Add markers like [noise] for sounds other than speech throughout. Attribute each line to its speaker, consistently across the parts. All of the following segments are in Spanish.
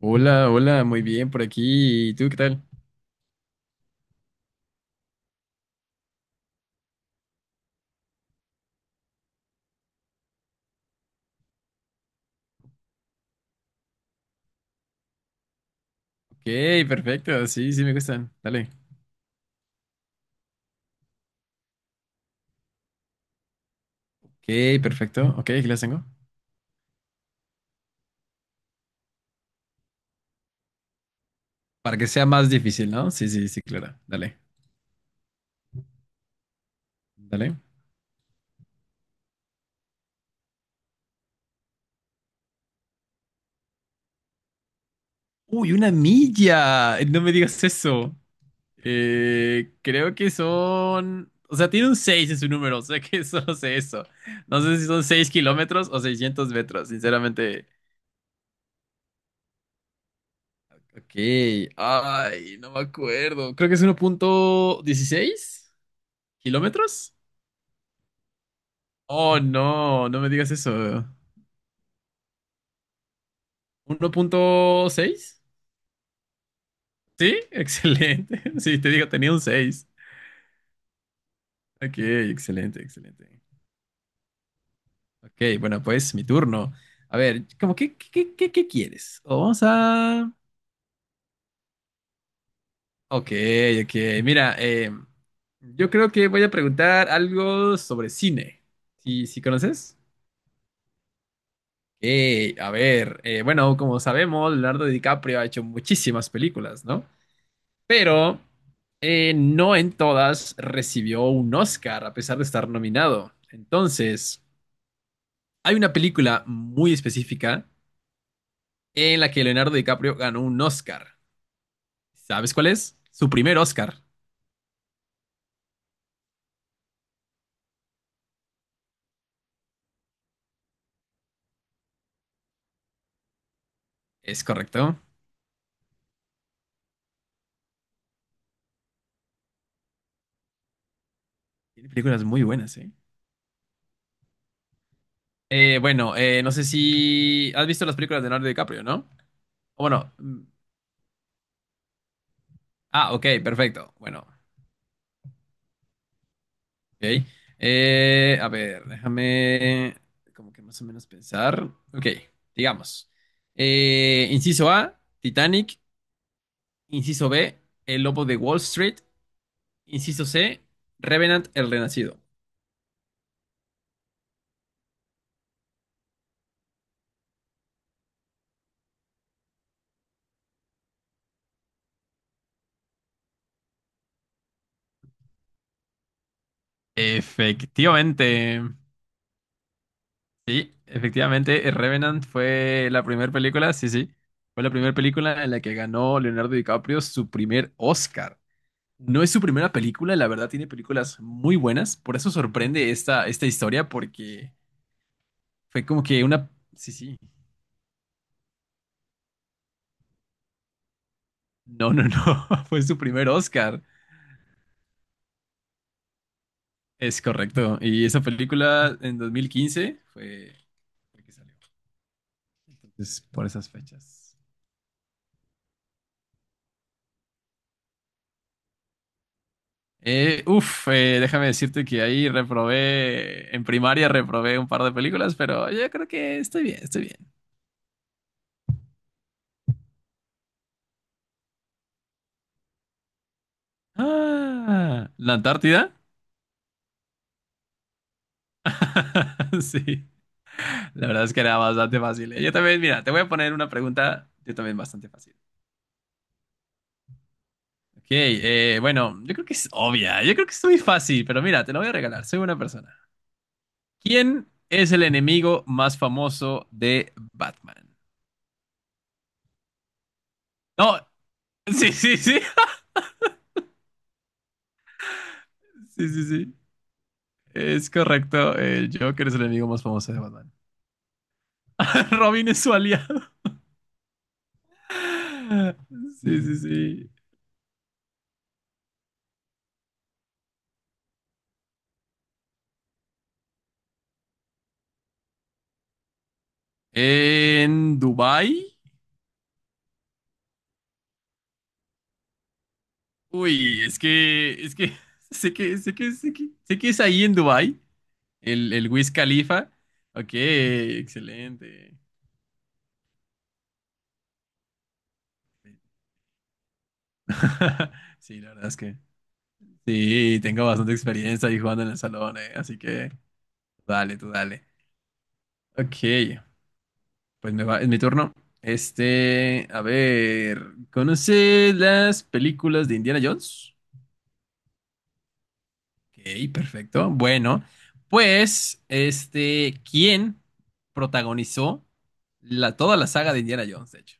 Speaker 1: Hola, hola, muy bien por aquí. ¿Y tú qué tal? Ok, perfecto. Sí, sí, me gustan. Dale. Ok, perfecto. Ok, aquí las tengo. Para que sea más difícil, ¿no? Sí, sí, sí, claro. Dale, dale. Uy, una milla. No me digas eso. Creo que son... O sea, tiene un 6 en su número, [laughs] o sea que [laughs] solo sé eso. No sé si son seis kilómetros o seiscientos metros, sinceramente. Ok, ay, no me acuerdo. Creo que es uno punto dieciséis kilómetros. Oh, no, no me digas eso. Uno punto seis. Sí, [laughs] excelente. Sí, te digo, tenía un 6. Ok, excelente, excelente. Ok, bueno, pues mi turno. A ver, ¿cómo qué quieres? O vamos a... Ok, ok. Mira, yo creo que voy a preguntar algo sobre cine. ¿Sí, sí conoces? A ver, bueno, como sabemos, Leonardo DiCaprio ha hecho muchísimas películas, ¿no? Pero no en todas recibió un Oscar a pesar de estar nominado. Entonces, hay una película muy específica en la que Leonardo DiCaprio ganó un Oscar. ¿Sabes cuál es? Su primer Oscar. Es correcto. Tiene películas muy buenas, ¿eh? Bueno, no sé si has visto las películas de Leonardo DiCaprio, ¿no? O bueno, mm, ah, ok, perfecto. Bueno, ok. A ver, déjame como que más o menos pensar. Ok, digamos. Inciso A, Titanic. Inciso B, El Lobo de Wall Street. Inciso C, Revenant, el Renacido. Efectivamente. Sí, efectivamente, Revenant fue la primera película, sí, sí. Fue la primera película en la que ganó Leonardo DiCaprio su primer Oscar. No es su primera película, la verdad tiene películas muy buenas, por eso sorprende esta, esta historia, porque fue como que una... Sí, sí, no, no, no, [laughs] fue su primer Oscar, es correcto, y esa película en 2015 fue la que salió, entonces por esas fechas. Déjame decirte que ahí reprobé, en primaria reprobé un par de películas, pero yo creo que estoy bien, estoy bien. Ah, ¿la Antártida? [laughs] Sí. La verdad es que era bastante fácil, ¿eh? Yo también, mira, te voy a poner una pregunta, yo también bastante fácil. Ok, bueno, yo creo que es obvia, yo creo que es muy fácil, pero mira, te lo voy a regalar, soy una persona. ¿Quién es el enemigo más famoso de Batman? No, sí, sí, sí, [laughs] sí, sí, sí. Es correcto, el Joker es el enemigo más famoso de Batman. [laughs] Robin es su aliado. [laughs] Sí, sí, sí. En Dubái. Uy, es que, [laughs] sé que, sé que, sé que, sé que es ahí en Dubái, el Wiz Khalifa. Ok, excelente. [laughs] Sí, la verdad es que sí, tengo bastante experiencia ahí jugando en el salón, así que dale, tú dale. Ok, pues me va, es mi turno. Este, a ver, ¿conoces las películas de Indiana Jones? Ok, perfecto. Bueno, pues, este, ¿quién protagonizó la, toda la saga de Indiana Jones, de hecho?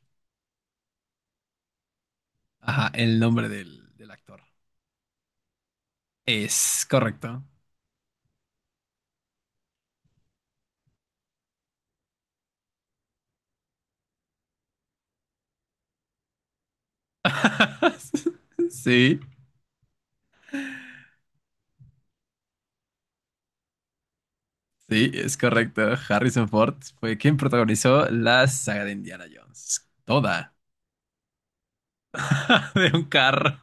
Speaker 1: Ajá, el nombre del, del actor. Es correcto. [laughs] Sí, sí, es correcto. Harrison Ford fue quien protagonizó la saga de Indiana Jones. Toda. [laughs] De un carro.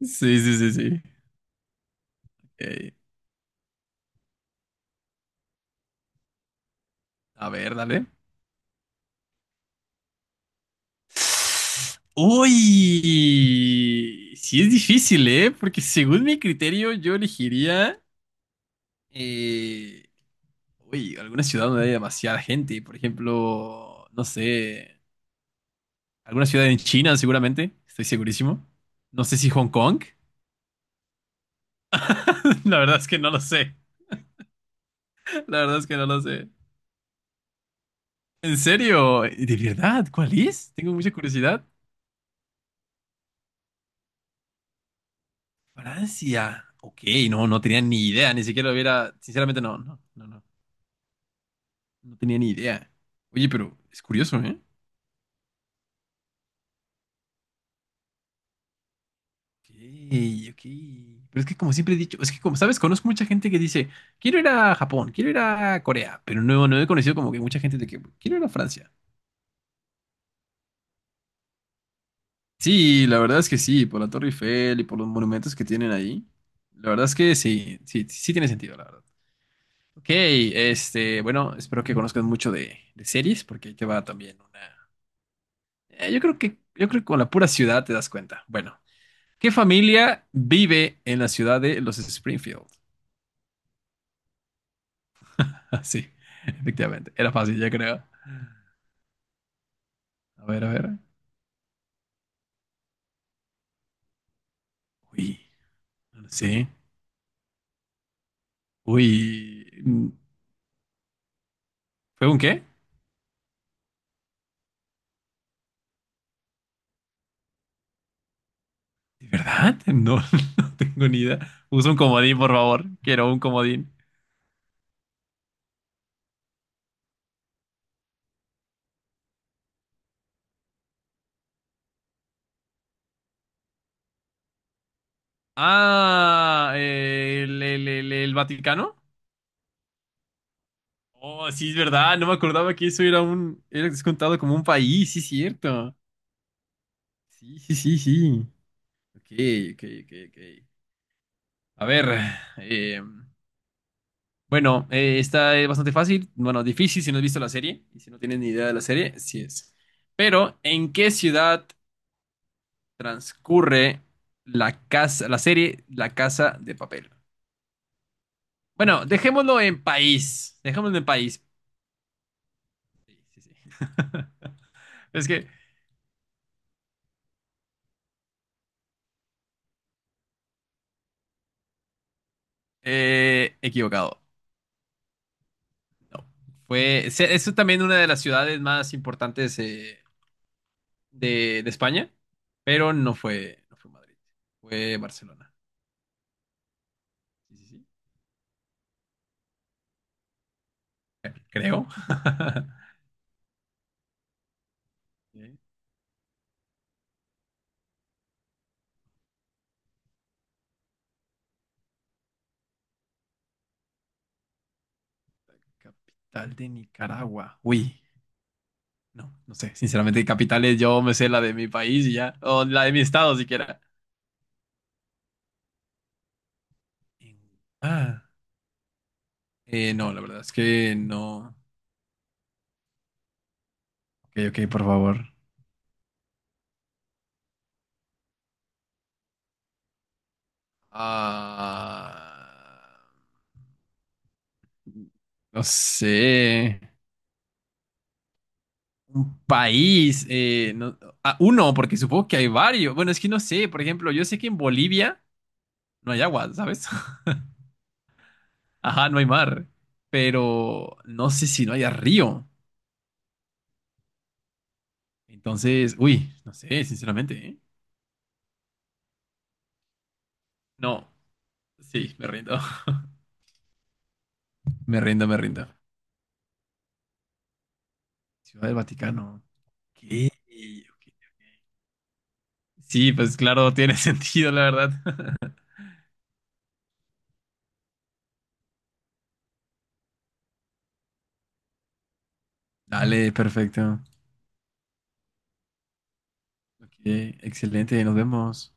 Speaker 1: Sí, sí, sí, sí. Ok, a ver, dale. Uy, sí es difícil, ¿eh? Porque según mi criterio yo elegiría, eh, alguna ciudad donde haya demasiada gente, por ejemplo, no sé, alguna ciudad en China seguramente, estoy segurísimo. No sé si Hong Kong, [laughs] la verdad es que no lo sé, la verdad es que no lo sé. ¿En serio? ¿De verdad? ¿Cuál es? Tengo mucha curiosidad. Francia. Ok, no, no tenía ni idea, ni siquiera lo hubiera, sinceramente no, no, no, no. No tenía ni idea. Oye, pero es curioso, ¿eh? Ok, ok. Pero es que como siempre he dicho, es que como sabes, conozco mucha gente que dice, quiero ir a Japón, quiero ir a Corea, pero no, no he conocido como que mucha gente de que quiero ir a Francia. Sí, la verdad es que sí, por la Torre Eiffel y por los monumentos que tienen ahí. La verdad es que sí, sí, sí tiene sentido, la verdad. Ok, este, bueno, espero que conozcas mucho de series, porque ahí te va también una. Yo creo que, yo creo que con la pura ciudad te das cuenta. Bueno, ¿qué familia vive en la ciudad de los Springfield? [laughs] Sí, efectivamente. Era fácil, ya creo. A ver, a ver. Uy, sí. Uy. ¿Fue un qué? ¿De verdad? No, [laughs] no tengo ni idea. Usa un comodín, por favor. Quiero un comodín. Ah, el, el Vaticano. Oh, sí, es verdad. No me acordaba que eso era un. Era descontado como un país, sí, es cierto. Sí, sí, sí, sí. Ok, ok, ok, ok. A ver, eh, bueno, esta es bastante fácil, bueno, difícil si no has visto la serie y si no tienes ni idea de la serie, sí es. Pero, ¿en qué ciudad transcurre la casa, la serie La Casa de Papel? Bueno, dejémoslo en país, dejémoslo en país. Sí, sí, sí. [laughs] Es que, equivocado. No. Fue, se- es también una de las ciudades más importantes de España, pero no fue, no fue Madrid, fue Barcelona. Sí, sí, sí, creo. [laughs] Eh, capital de Nicaragua. Uy, no, no sé. Sinceramente, [laughs] capitales, yo me sé la de mi país y ya. O la de mi estado siquiera. En- ah, no, la verdad es que no. Ok, ok, por favor. Ah, no sé. Un país, no- ah, uno, porque supongo que hay varios. Bueno, es que no sé. Por ejemplo, yo sé que en Bolivia no hay agua, ¿sabes? [laughs] Ajá, no hay mar, pero no sé si no haya río. Entonces, uy, no sé, sinceramente, ¿eh? No, sí, me rindo. [laughs] Me rindo, me rindo. Ciudad del Vaticano. ¿Qué? Ok. Sí, pues claro, tiene [laughs] sentido, la verdad. [laughs] Dale, perfecto. Ok, excelente, nos vemos.